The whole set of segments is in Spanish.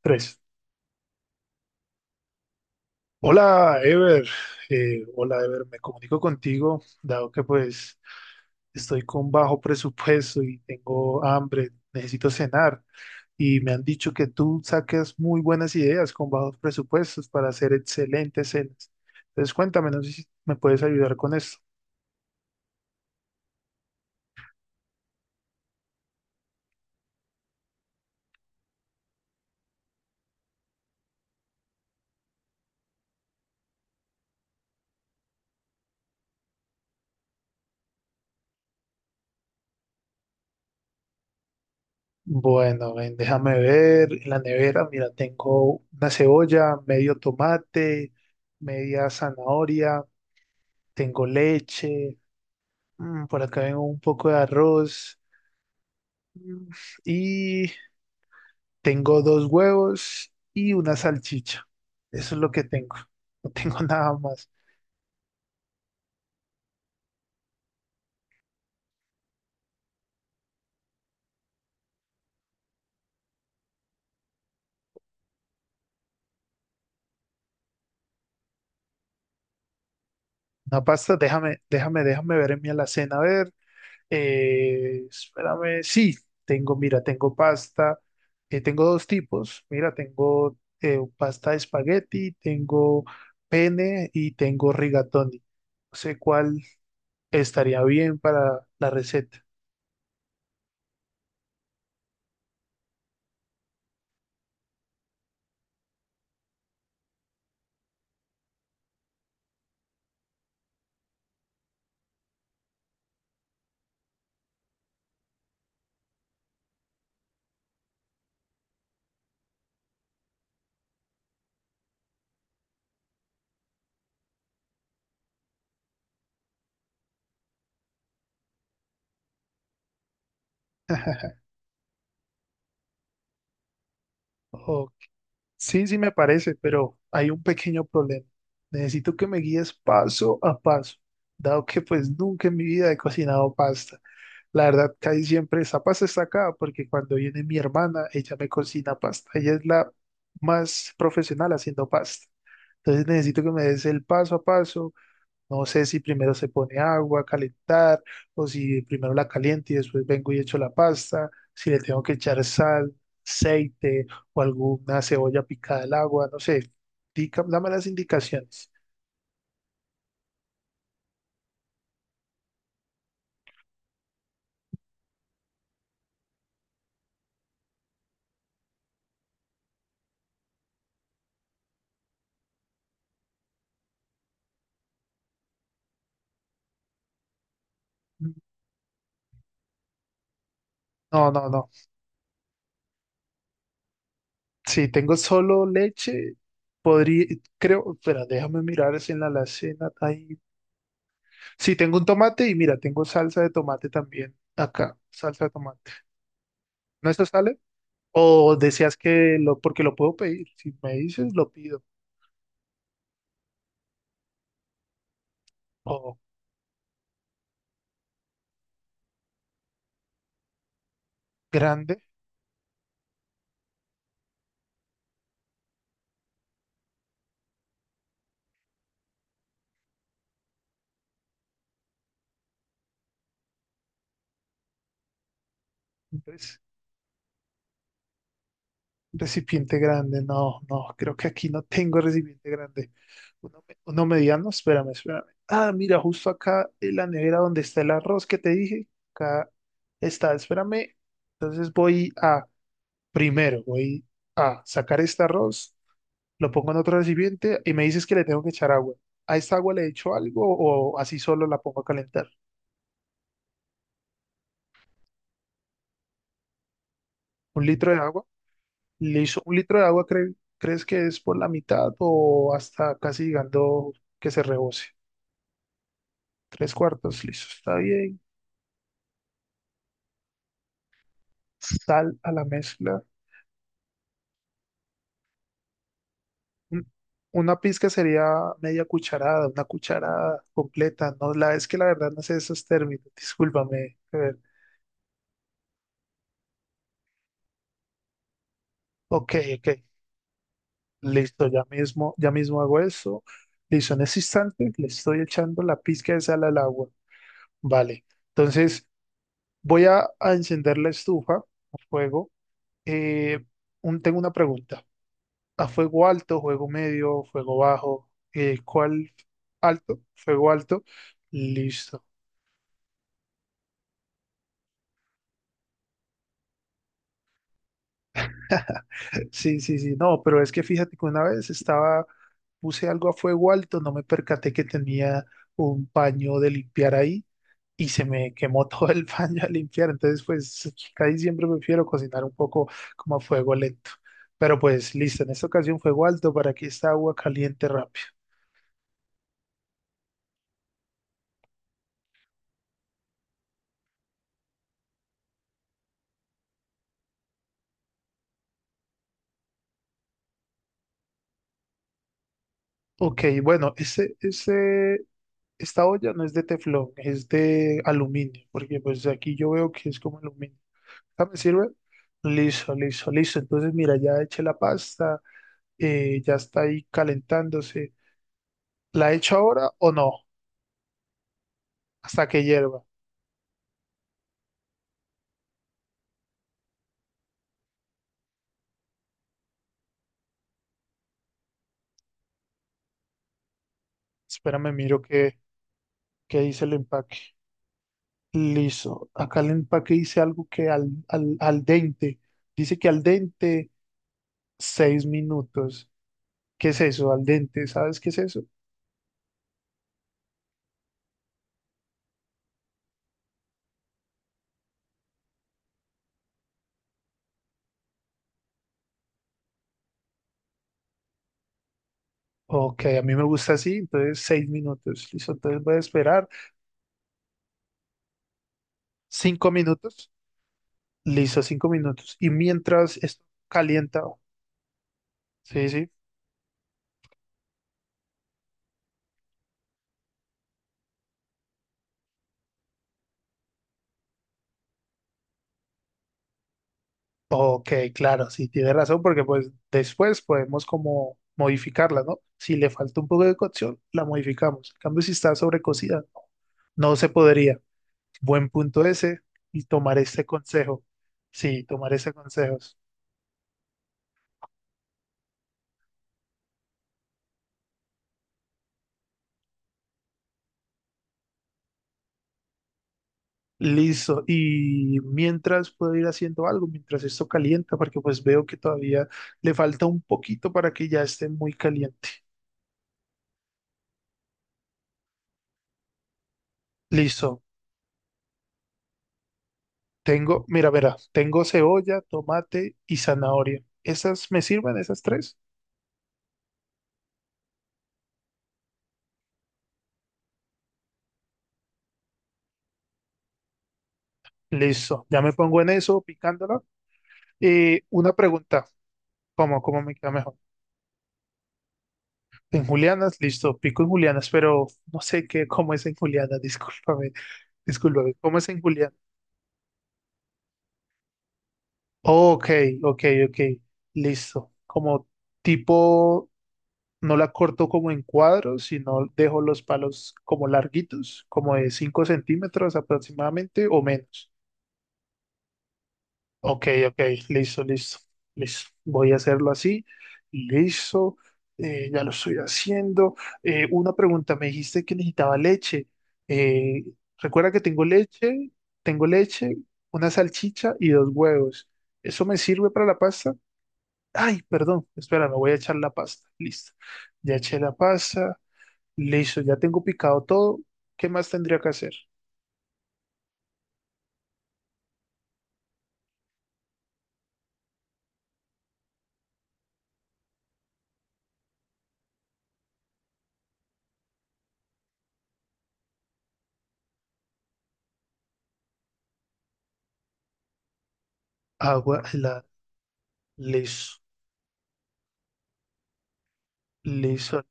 Tres. Hola, Ever. Hola, Ever. Me comunico contigo, dado que pues estoy con bajo presupuesto y tengo hambre, necesito cenar. Y me han dicho que tú saques muy buenas ideas con bajos presupuestos para hacer excelentes cenas. Entonces, cuéntame, no sé si me puedes ayudar con esto. Bueno, ven, déjame ver. En la nevera, mira, tengo una cebolla, medio tomate, media zanahoria, tengo leche. Por acá tengo un poco de arroz mm, y tengo dos huevos y una salchicha. Eso es lo que tengo. No tengo nada más. Una pasta, déjame ver en mi alacena. A ver, espérame. Sí, tengo, mira, tengo pasta. Tengo dos tipos. Mira, tengo pasta de espagueti, tengo pene y tengo rigatoni. No sé cuál estaría bien para la receta. Ok. Sí, sí me parece, pero hay un pequeño problema. Necesito que me guíes paso a paso, dado que pues nunca en mi vida he cocinado pasta. La verdad, casi siempre esa pasta está acá, porque cuando viene mi hermana, ella me cocina pasta. Ella es la más profesional haciendo pasta. Entonces necesito que me des el paso a paso, no sé si primero se pone agua a calentar o si primero la caliente y después vengo y echo la pasta, si le tengo que echar sal, aceite o alguna cebolla picada al agua, no sé. Dame las indicaciones. No, no, no. Si tengo solo leche, podría, creo, espera, déjame mirar si en la alacena hay. Si tengo un tomate y mira, tengo salsa de tomate también acá, salsa de tomate. ¿No eso sale? ¿O deseas que lo, porque lo puedo pedir? Si me dices, lo pido. O grande, un res- un recipiente grande. No, no, creo que aquí no tengo recipiente grande. Uno mediano, espérame, espérame. Ah, mira, justo acá en la nevera donde está el arroz que te dije. Acá está, espérame. Entonces voy a, primero, voy a sacar este arroz, lo pongo en otro recipiente y me dices que le tengo que echar agua. ¿A esta agua le echo algo o así solo la pongo a calentar? ¿Un litro de agua? Listo, un litro de agua crees que es por la mitad o hasta casi llegando que se rebose. Tres cuartos, listo, está bien. Sal a la mezcla. Un- Una pizca sería media cucharada, una cucharada completa. No, la es que la verdad no sé esos términos, discúlpame. A ver, ok, ok, listo, ya mismo hago eso. Listo, en ese instante le estoy echando la pizca de sal al agua. Vale, entonces voy a encender la estufa a fuego. Eh, Tengo una pregunta. ¿A fuego alto, fuego medio, fuego bajo? ¿Cuál alto? Fuego alto. Listo. Sí, sí, sí. No, pero es que fíjate que una vez estaba, puse algo a fuego alto, no me percaté que tenía un paño de limpiar ahí y se me quemó todo el paño a limpiar. Entonces, pues casi siempre prefiero cocinar un poco como a fuego lento. Pero pues listo, en esta ocasión fuego alto para que esta agua caliente rápido. Ok, bueno, ese, esta olla no es de teflón, es de aluminio, porque pues aquí yo veo que es como aluminio. ¿Ah, me sirve? Listo, listo, listo. Entonces, mira, ya eché la pasta, ya está ahí calentándose. ¿La echo ahora o no? Hasta que hierva. Espérame, miro qué dice el empaque. Listo. Acá el empaque dice algo que al dente. Dice que al dente, 6 minutos. ¿Qué es eso? Al dente, ¿sabes qué es eso? Ok, a mí me gusta así, entonces 6 minutos, listo, entonces voy a esperar 5 minutos, listo, 5 minutos, y mientras esto calienta, sí, sí, ok, claro, sí, tiene razón, porque pues después podemos como modificarla, ¿no? Si le falta un poco de cocción, la modificamos, en cambio si está sobrecocida, no, no se podría, buen punto ese, y tomar este consejo, sí, tomar ese consejo. Listo. Y mientras puedo ir haciendo algo, mientras esto calienta, porque pues veo que todavía le falta un poquito para que ya esté muy caliente. Listo. Tengo, mira, mira, tengo cebolla, tomate y zanahoria. ¿Esas me sirven, esas tres? Listo. Ya me pongo en eso, picándola. Una pregunta, ¿cómo me queda mejor? En julianas, listo, pico en julianas, pero no sé qué, cómo es en julianas, discúlpame, discúlpame, ¿cómo es en julianas? Ok, ok, ok, listo. Como tipo, no la corto como en cuadros, sino dejo los palos como larguitos, como de 5 centímetros aproximadamente o menos. Ok, ok, listo, listo, listo. Voy a hacerlo así. Listo, ya lo estoy haciendo. Una pregunta, me dijiste que necesitaba leche. Eh, Recuerda que tengo leche, una salchicha y dos huevos. ¿Eso me sirve para la pasta? Ay, perdón, espera, me voy a echar la pasta. Listo. Ya eché la pasta. Listo, ya tengo picado todo. ¿Qué más tendría que hacer? Agua helada. Listo, listo.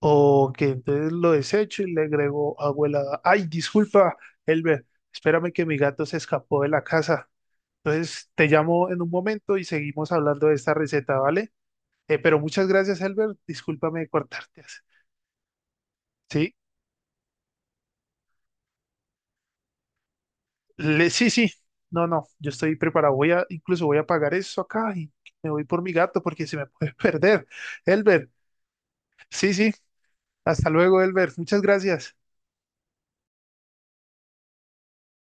Ok, entonces lo desecho y le agrego agua helada. Ay, disculpa, Elber, espérame que mi gato se escapó de la casa. Entonces te llamo en un momento y seguimos hablando de esta receta, ¿vale? Pero muchas gracias, Elber. Discúlpame de cortarte. ¿Sí? Sí, sí, no, no, yo estoy preparado. Voy a, incluso voy a pagar eso acá y me voy por mi gato porque se me puede perder. Elber, sí, sí, hasta luego, Elber. Muchas gracias.